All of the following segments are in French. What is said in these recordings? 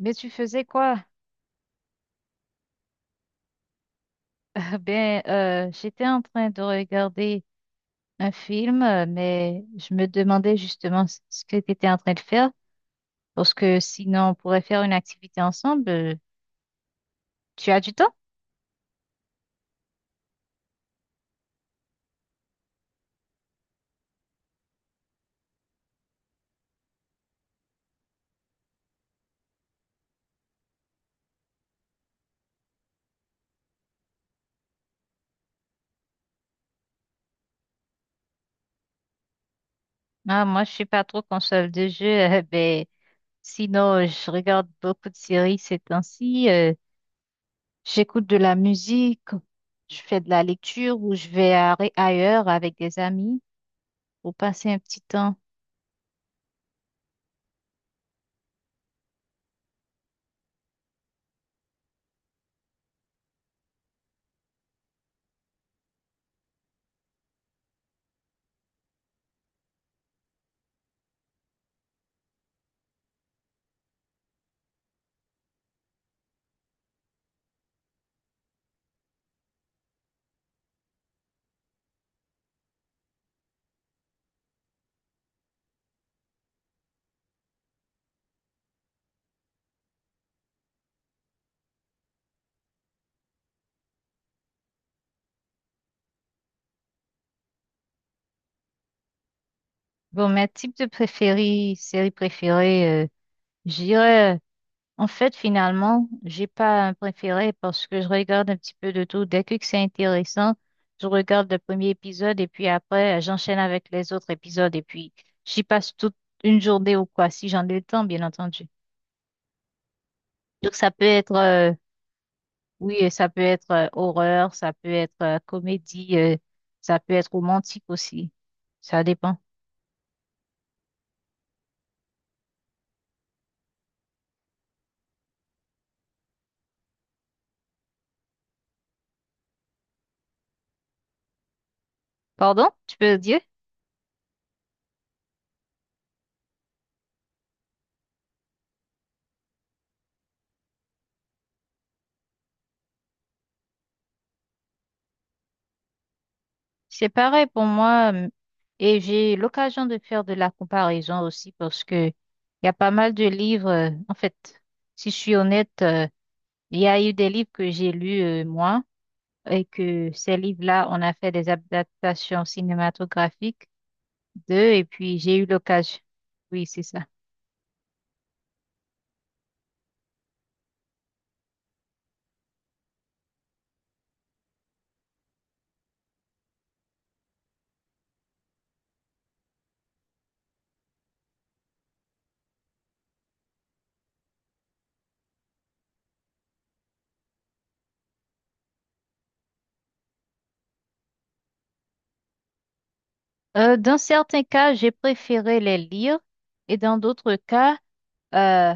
Mais tu faisais quoi? J'étais en train de regarder un film, mais je me demandais justement ce que tu étais en train de faire, parce que sinon on pourrait faire une activité ensemble. Tu as du temps? Ah, moi, je suis pas trop console de jeu. Sinon, je regarde beaucoup de séries ces temps-ci. J'écoute de la musique, je fais de la lecture ou je vais ailleurs avec des amis pour passer un petit temps. Bon, mes types de préférés, séries préférées. J'irais, en fait, finalement, j'ai pas un préféré parce que je regarde un petit peu de tout. Dès que c'est intéressant, je regarde le premier épisode et puis après, j'enchaîne avec les autres épisodes et puis j'y passe toute une journée ou quoi, si j'en ai le temps, bien entendu. Donc, ça peut être, oui, ça peut être horreur, ça peut être comédie, ça peut être romantique aussi. Ça dépend. Pardon, tu peux dire? C'est pareil pour moi, et j'ai eu l'occasion de faire de la comparaison aussi parce que il y a pas mal de livres. En fait, si je suis honnête, il y a eu des livres que j'ai lus moi et que ces livres-là, on a fait des adaptations cinématographiques d'eux et puis j'ai eu l'occasion. Oui, c'est ça. Dans certains cas, j'ai préféré les lire et dans d'autres cas, Euh,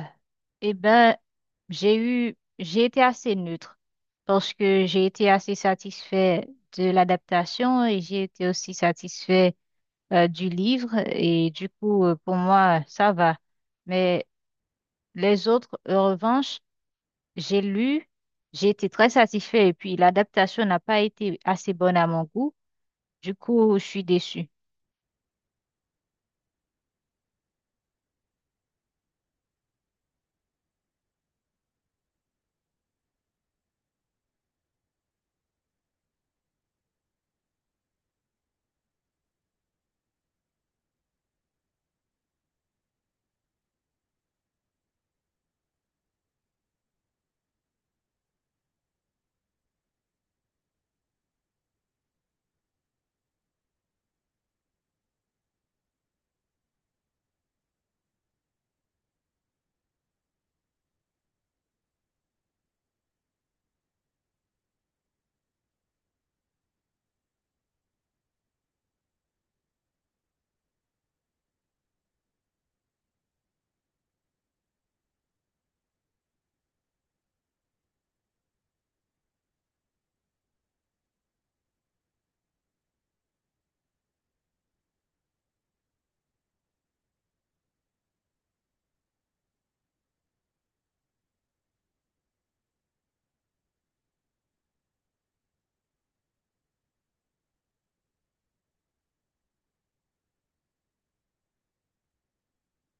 eh ben, j'ai été assez neutre parce que j'ai été assez satisfait de l'adaptation et j'ai été aussi satisfait du livre et du coup, pour moi, ça va. Mais les autres, en revanche, j'ai lu, j'ai été très satisfait et puis l'adaptation n'a pas été assez bonne à mon goût. Du coup, je suis déçue.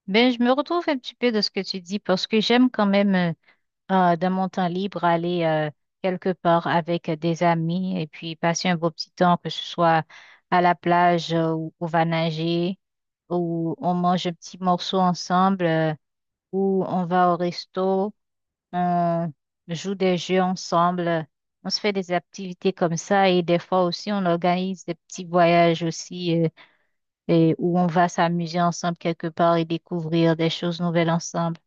Mais je me retrouve un petit peu de ce que tu dis parce que j'aime quand même. De mon temps libre, aller quelque part avec des amis et puis passer un beau petit temps, que ce soit à la plage où on va nager, où on mange un petit morceau ensemble, où on va au resto, on joue des jeux ensemble, on se fait des activités comme ça et des fois aussi on organise des petits voyages aussi, et où on va s'amuser ensemble quelque part et découvrir des choses nouvelles ensemble.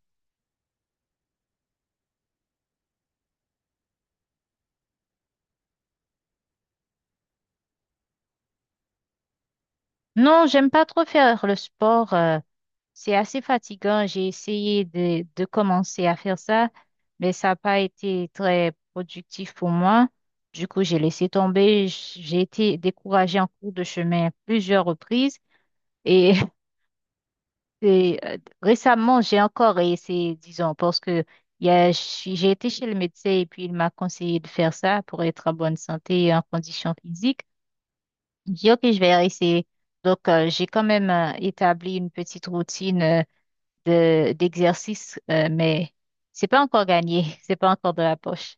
Non, j'aime pas trop faire le sport. C'est assez fatigant. J'ai essayé de commencer à faire ça, mais ça n'a pas été très productif pour moi. Du coup, j'ai laissé tomber. J'ai été découragée en cours de chemin à plusieurs reprises. Et, et, récemment, j'ai encore essayé, disons, parce que j'ai été chez le médecin et puis il m'a conseillé de faire ça pour être en bonne santé et en condition physique. J'ai dit, OK, je vais essayer. Donc, j'ai quand même établi une petite routine. D'exercice, mais c'est pas encore gagné, c'est pas encore de la poche.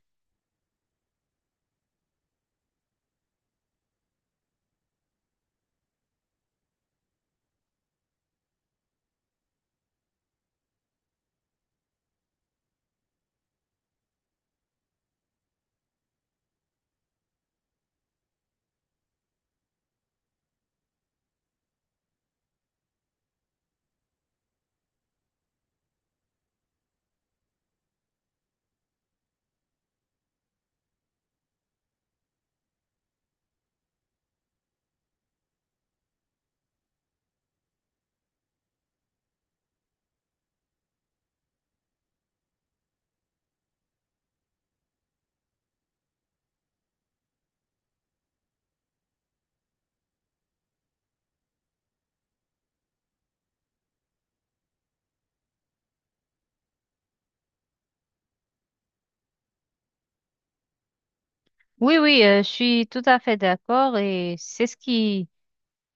Oui, oui, je suis tout à fait d'accord et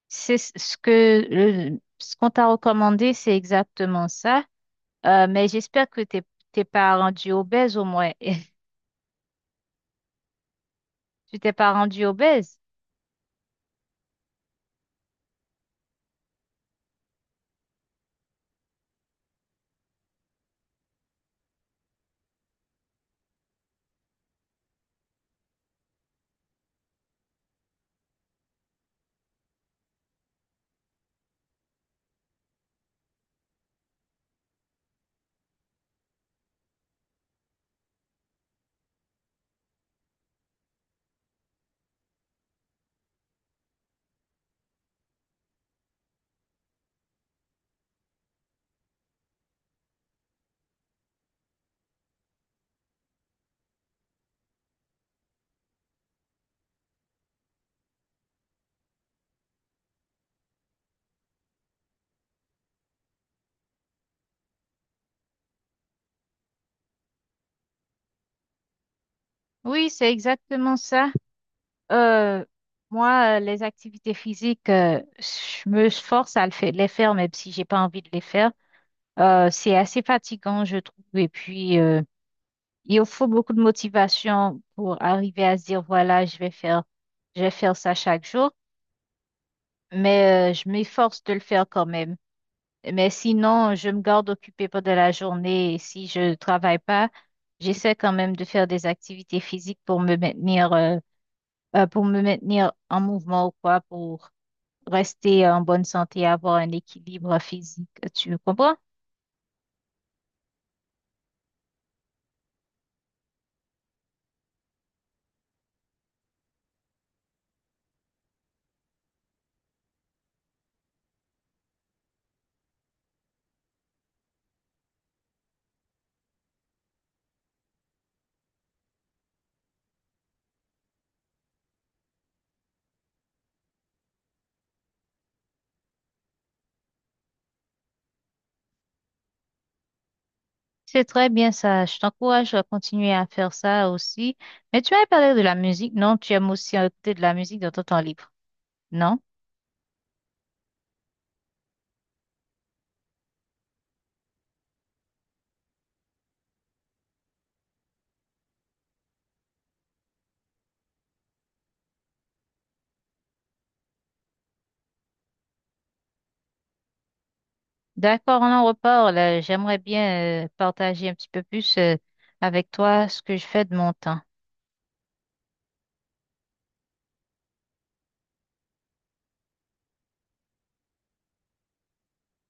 c'est ce que, ce qu'on t'a recommandé, c'est exactement ça. Mais j'espère que t'es pas rendu obèse au moins. Tu t'es pas rendu obèse. Oui, c'est exactement ça. Euh, Moi, les activités physiques, je me force à le les faire, même si j'ai pas envie de les faire. C'est assez fatigant, je trouve. Et puis, il faut beaucoup de motivation pour arriver à se dire, voilà, je vais faire ça chaque jour. Mais je m'efforce de le faire quand même. Mais sinon, je me garde occupée pendant la journée. Et si je travaille pas, j'essaie quand même de faire des activités physiques pour me maintenir en mouvement ou quoi, pour rester en bonne santé, avoir un équilibre physique. Tu comprends? C'est très bien ça. Je t'encourage à continuer à faire ça aussi. Mais tu as parlé de la musique, non? Tu aimes aussi écouter de la musique dans ton temps libre, non? D'accord, on en reparle. J'aimerais bien partager un petit peu plus avec toi ce que je fais de mon temps.